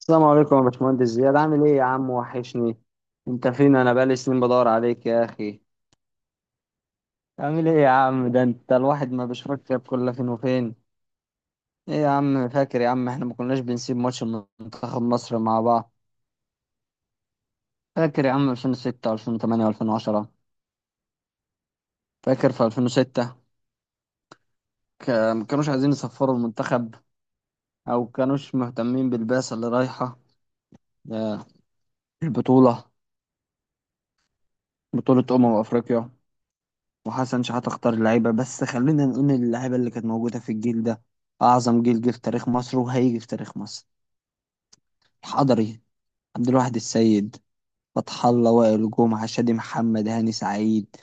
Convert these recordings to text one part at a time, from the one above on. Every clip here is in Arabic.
السلام عليكم يا باشمهندس زياد. عامل ايه يا عم؟ وحشني. انت فين؟ انا بقالي سنين بدور عليك يا اخي. عامل ايه يا عم؟ ده انت الواحد ما بيشوفك غير كل فين وفين. ايه يا عم؟ فاكر يا عم احنا ما كناش بنسيب ماتش منتخب مصر مع بعض؟ فاكر يا عم 2006 و2008 و2010؟ فاكر في 2006 ما كانوش عايزين يصفروا المنتخب او كانوش مهتمين بالبعثة اللي رايحة. آه، البطولة، بطولة أمم أفريقيا. وحسن شحاتة اختار اللعيبة، بس خلينا نقول إن اللعيبة اللي كانت موجودة في الجيل ده أعظم جيل جه في تاريخ مصر وهيجي في تاريخ مصر. الحضري، عبد الواحد السيد، فتح الله، وائل جمعة، شادي محمد، هاني سعيد،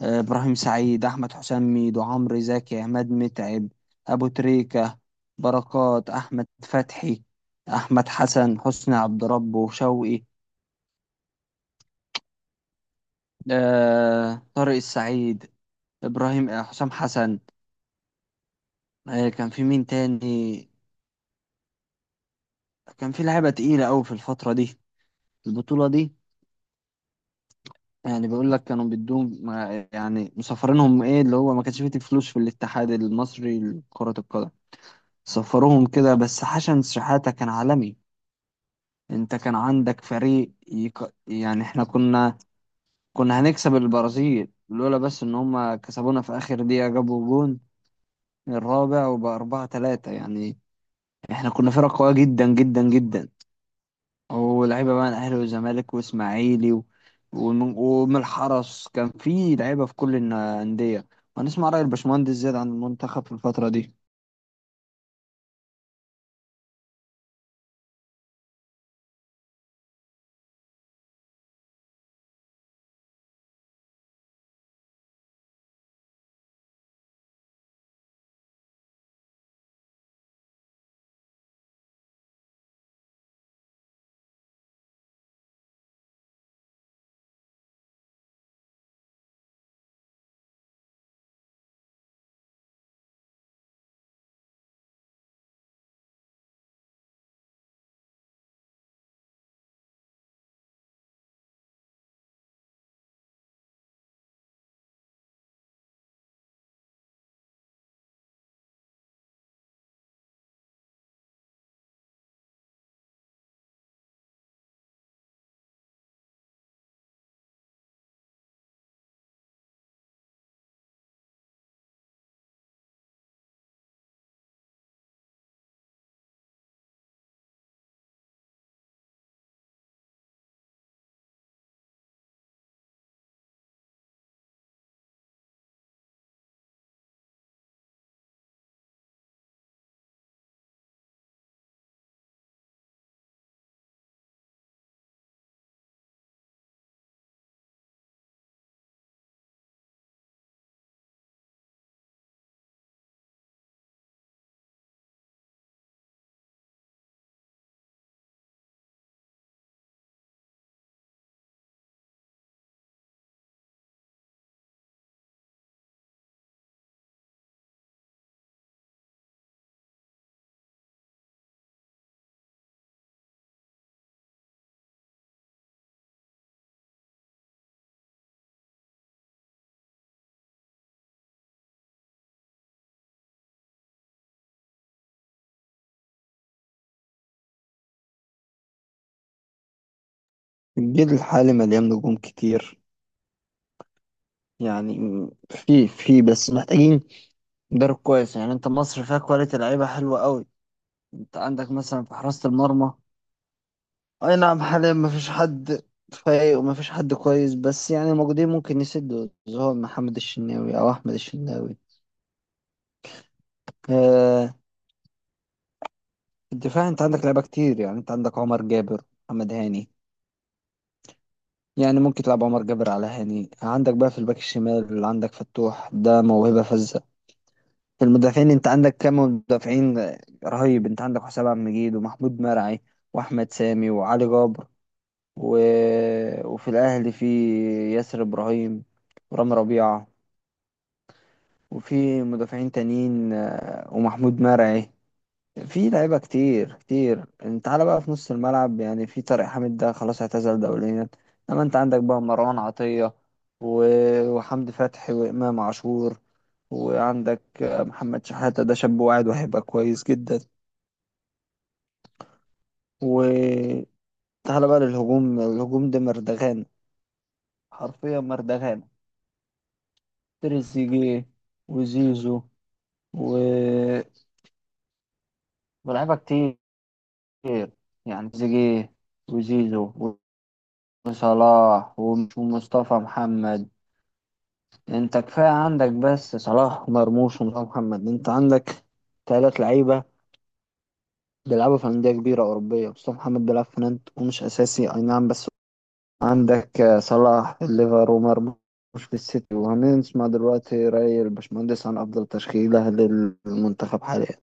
إبراهيم سعيد، أحمد حسام، ميدو، عمرو زكي، عماد متعب، أبو تريكة، بركات، أحمد فتحي، أحمد حسن، حسني عبد ربه، شوقي، طارق السعيد، إبراهيم، حسام حسن. كان في مين تاني؟ كان في لعيبة تقيلة أوي في الفترة دي، البطولة دي. يعني بيقول لك كانوا بدهم يعني مسافرينهم، إيه اللي هو، ما كانش فيه فلوس في الاتحاد المصري لكرة القدم، سفروهم كده، بس حسن شحاتة كان عالمي. أنت كان عندك فريق يعني إحنا كنا، كنا هنكسب البرازيل لولا بس إن هما كسبونا في آخر دقيقة، جابوا جون الرابع، وبأربعة تلاتة يعني. إحنا كنا فرقة قوية جدا جدا جدا، ولعيبه بقى من الاهلي والزمالك واسماعيلي ومن الحرس، كان في لعيبه في كل الانديه. هنسمع راي الباشمهندس زياد عن المنتخب في الفتره دي. الجيل الحالي مليان نجوم كتير يعني، في بس محتاجين مدرب كويس. يعني انت مصر فيها كواليتي لعيبه حلوه قوي. انت عندك مثلا في حراسه المرمى، اي نعم حاليا ما فيش حد فايق وما فيش حد كويس، بس يعني الموجودين ممكن يسدوا، زي هو محمد الشناوي او احمد الشناوي. آه، في الدفاع انت عندك لعيبه كتير، يعني انت عندك عمر جابر، محمد هاني، يعني ممكن تلعب عمر جابر على هاني. عندك بقى في الباك الشمال اللي عندك فتوح، ده موهبه فذة. في المدافعين انت عندك كام مدافعين رهيب، انت عندك حسام عبد المجيد، ومحمود مرعي، واحمد سامي، وعلي جابر، و... وفي الاهلي في ياسر ابراهيم، ورامي ربيعه، وفي مدافعين تانيين، ومحمود مرعي. في لعيبة كتير كتير. انت تعالى بقى في نص الملعب، يعني في طارق حامد ده خلاص اعتزل دوليا، انما انت عندك بقى مروان عطية، وحمدي فتحي، وإمام عاشور، وعندك محمد شحاتة ده شاب واعد وهيبقى كويس جدا. وتعالى بقى للهجوم، الهجوم ده مردغان، حرفيا مردغان. تريزيجيه، وزيزو، و... ولاعيبة كتير، يعني تريزيجيه، وزيزو، صلاح، ومصطفى محمد. انت كفاية عندك بس صلاح ومرموش ومصطفى محمد، انت عندك 3 لعيبة بيلعبوا في أندية كبيرة أوروبية. مصطفى محمد بيلعب في نانت ومش أساسي أي نعم، بس عندك صلاح في الليفر، ومرموش في السيتي. وهنسمع دلوقتي رأي الباشمهندس عن أفضل تشكيلة للمنتخب حاليا.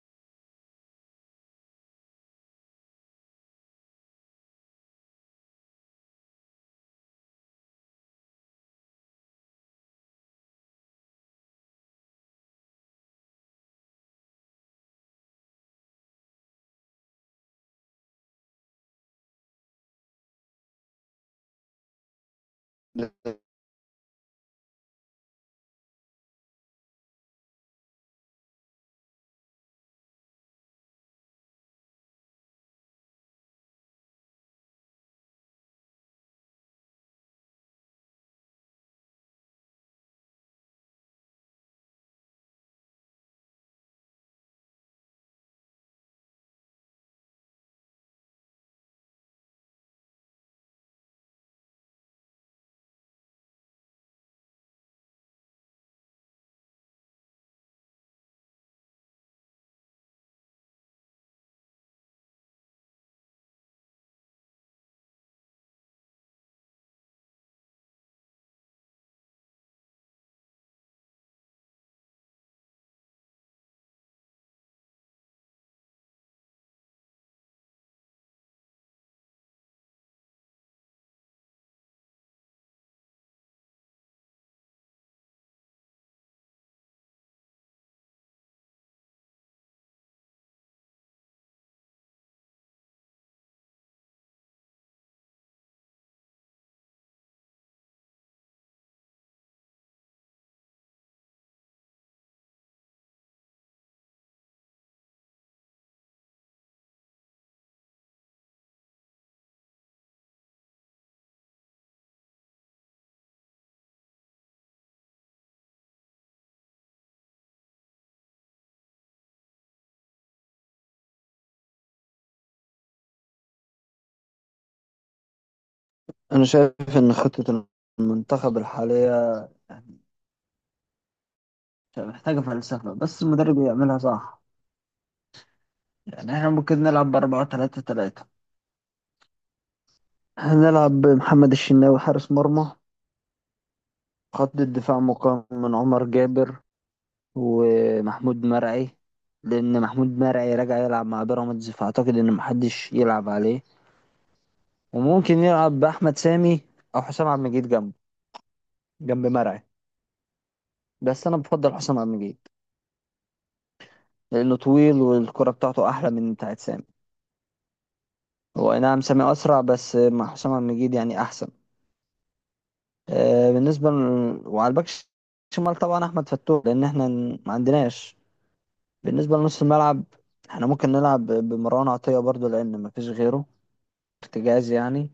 أنا شايف إن خطة المنتخب الحالية يعني محتاجة فلسفة، بس المدرب يعملها صح. يعني احنا ممكن نلعب ب4-3-3. هنلعب بمحمد الشناوي حارس مرمى. خط الدفاع مقام من عمر جابر ومحمود مرعي، لأن محمود مرعي راجع يلعب مع بيراميدز، فأعتقد إن محدش يلعب عليه، وممكن يلعب بأحمد سامي أو حسام عبد المجيد جنبه، جنب مرعي. بس أنا بفضل حسام عبد المجيد لأنه طويل والكرة بتاعته أحلى من بتاعت سامي. هو أي نعم سامي أسرع، بس مع حسام عبد المجيد يعني أحسن. بالنسبة وعلى الباك شمال طبعا أحمد فتوح، لأن احنا ما عندناش. بالنسبة لنص الملعب، احنا ممكن نلعب بمروان عطية برضو، لأن ما فيش غيره ارتجاز يعني.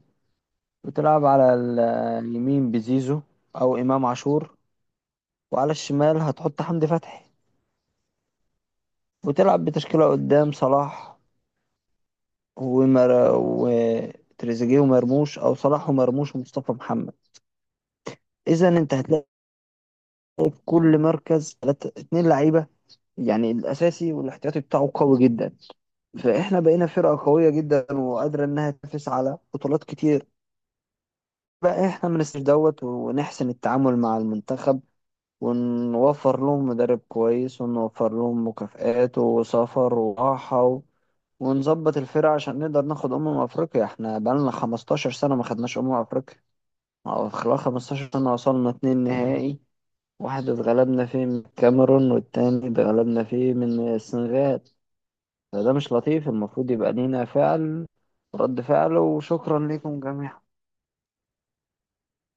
وتلعب على اليمين بزيزو أو إمام عاشور، وعلى الشمال هتحط حمدي فتحي. وتلعب بتشكيلة قدام صلاح ومر... وتريزيجيه ومرموش، أو صلاح ومرموش ومصطفى محمد. إذا أنت هتلاقي في كل مركز اتنين لعيبة، يعني الاساسي والاحتياطي بتاعه قوي جدا. فاحنا بقينا فرقه قويه جدا وقادره انها تنافس على بطولات كتير. بقى احنا ما ننساش دوت، ونحسن التعامل مع المنتخب، ونوفر لهم مدرب كويس، ونوفر لهم مكافآت وسفر وراحه، ونظبط الفرقه عشان نقدر ناخد افريقيا. احنا بقالنا 15 سنه ما خدناش افريقيا، أو خلال 15 سنه وصلنا 2 نهائي، واحد اتغلبنا فيه من الكاميرون، والتاني اتغلبنا فيه من السنغال. ده مش لطيف، المفروض يبقى لينا فعل، رد فعل. وشكرا لكم جميعا.